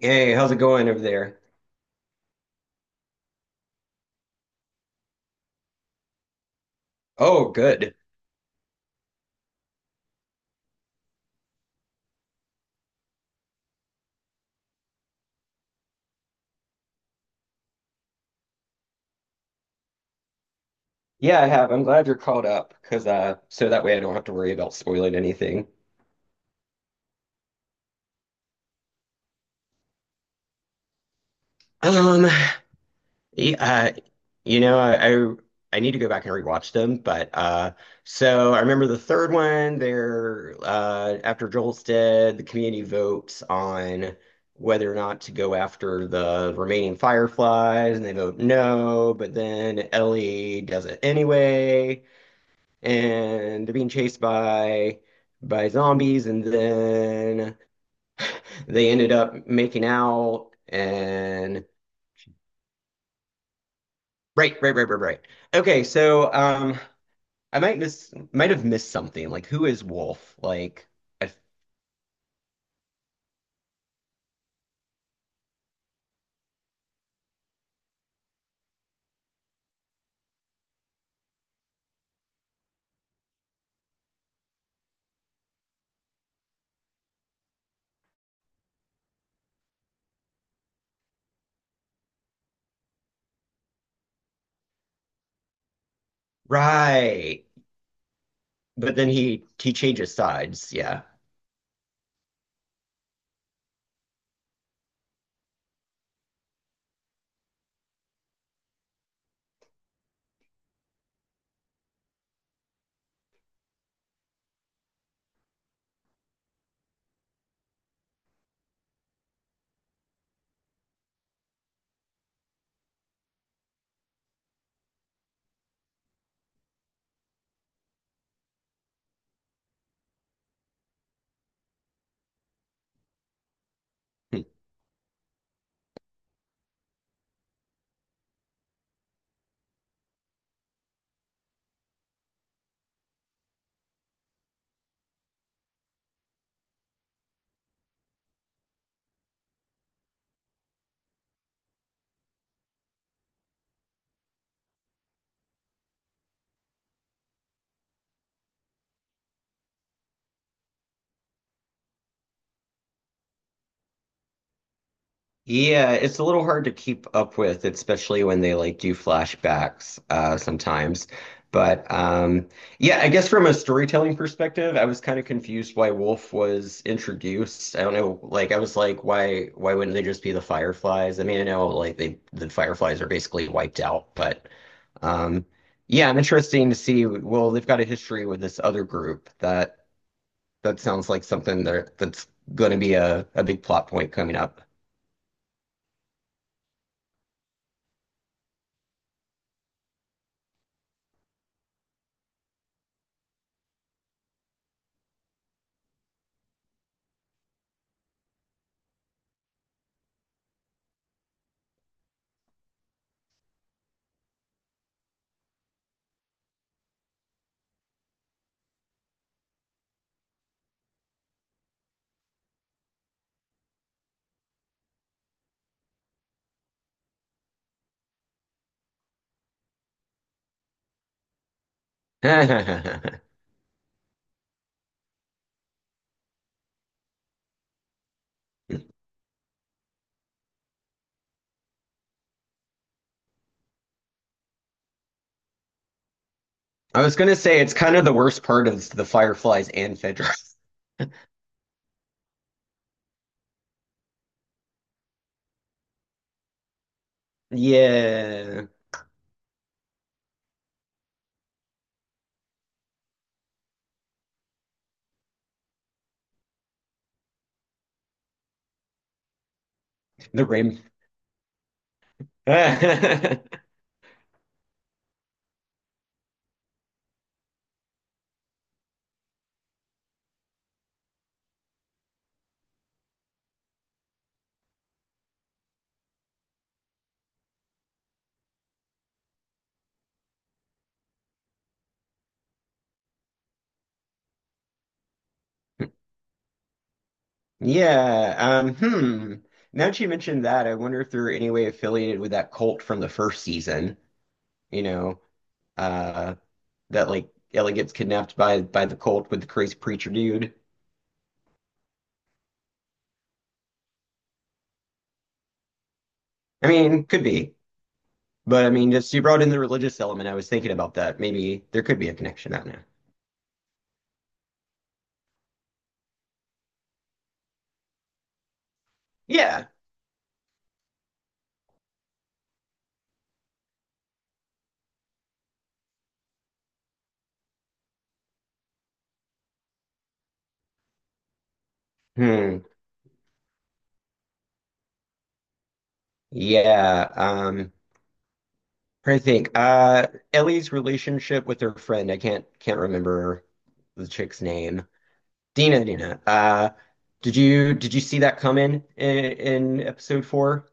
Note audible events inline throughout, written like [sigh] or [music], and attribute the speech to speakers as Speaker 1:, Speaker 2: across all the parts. Speaker 1: Hey, how's it going over there? Oh, good. Yeah, I have. I'm glad you're caught up because so that way I don't have to worry about spoiling anything. Um, yeah, uh, you know, I, I need to go back and rewatch them, but so I remember the third one there after Joel's dead, the community votes on whether or not to go after the remaining Fireflies, and they vote no, but then Ellie does it anyway. And they're being chased by zombies, and then they ended up making out. And right, right, right, right, right. Okay, I might have missed something. Like, who is Wolf? I, right, but then he changes sides. Yeah. Hmm. Yeah, it's a little hard to keep up with, especially when they like do flashbacks, sometimes. But yeah, I guess from a storytelling perspective, I was kind of confused why Wolf was introduced. I don't know, like I was like, why wouldn't they just be the Fireflies? I mean, I know like the Fireflies are basically wiped out, but um, yeah, I'm interesting to see. Well, they've got a history with this other group, that that sounds like something that that's going to be a big plot point coming up. [laughs] I was gonna say it's kind of the worst part is the fireflies and Phaedra. [laughs] Yeah, the rim. [laughs] Yeah. Hmm. Now that you mentioned that, I wonder if they're any way affiliated with that cult from the first season. You know, uh, that like Ellie gets kidnapped by the cult with the crazy preacher dude. I mean, could be, but I mean, just you brought in the religious element. I was thinking about that. Maybe there could be a connection. Out now. Yeah. Hmm. Yeah. I think Ellie's relationship with her friend, I can't remember the chick's name. Dina, Dina. Uh, did you see that coming in episode four?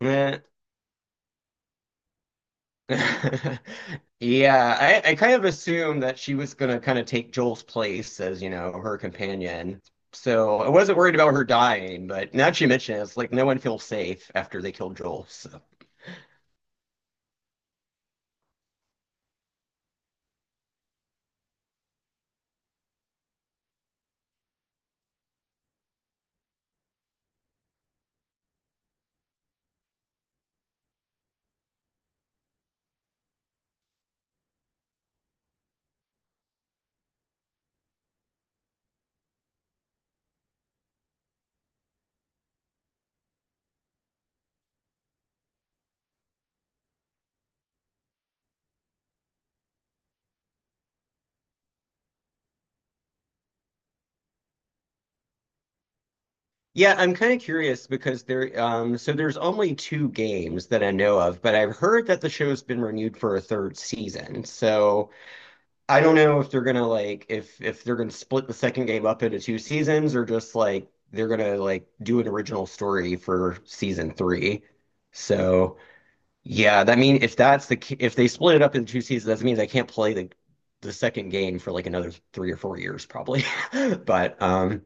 Speaker 1: Eh. [laughs] Yeah, I kind of assumed that she was gonna kind of take Joel's place as, you know, her companion. So I wasn't worried about her dying, but now that you mention it, it's like no one feels safe after they killed Joel. So yeah, I'm kind of curious because so there's only two games that I know of, but I've heard that the show's been renewed for a third season. So I don't know if they're gonna like if they're gonna split the second game up into two seasons, or just like they're gonna like do an original story for season three. So yeah, that mean if that's if they split it up into two seasons, that means I can't play the second game for like another 3 or 4 years probably. [laughs] But.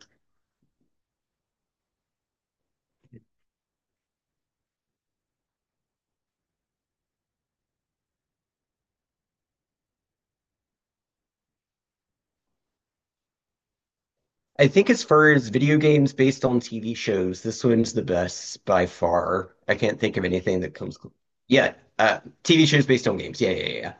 Speaker 1: I think as far as video games based on TV shows, this one's the best by far. I can't think of anything that comes. Yeah, TV shows based on games. Yeah, yeah, yeah,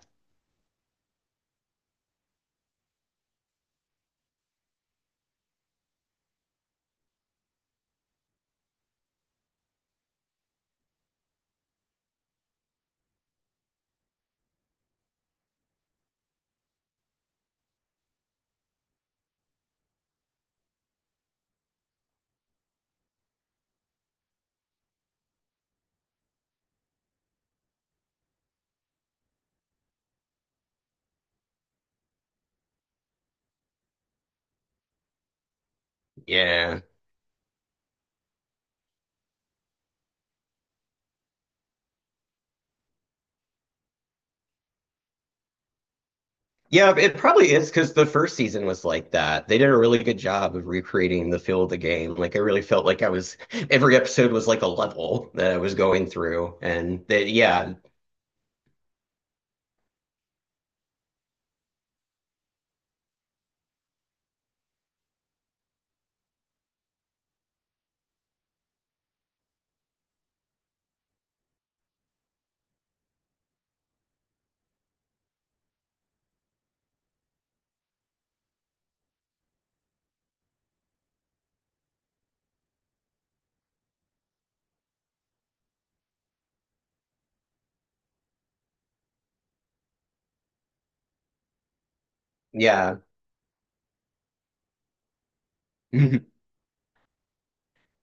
Speaker 1: yeah, yeah. It probably is because the first season was like that. They did a really good job of recreating the feel of the game. Like I really felt like I was every episode was like a level that I was going through, and that yeah, yeah. [laughs]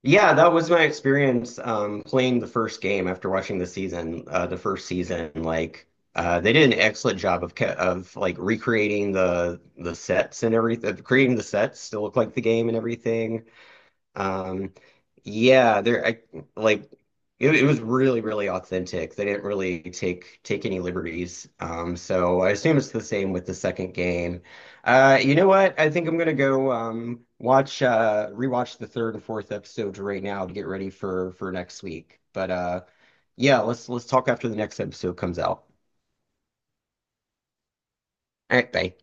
Speaker 1: Yeah, that was my experience playing the first game after watching the season, the first season. Like they did an excellent job of like recreating the sets and everything, creating the sets to look like the game and everything. Um, yeah, there I like it was really, really authentic. They didn't really take any liberties. So I assume it's the same with the second game. You know what? I think I'm gonna go watch rewatch the third and fourth episodes right now to get ready for next week. But yeah, let's talk after the next episode comes out. All right, bye.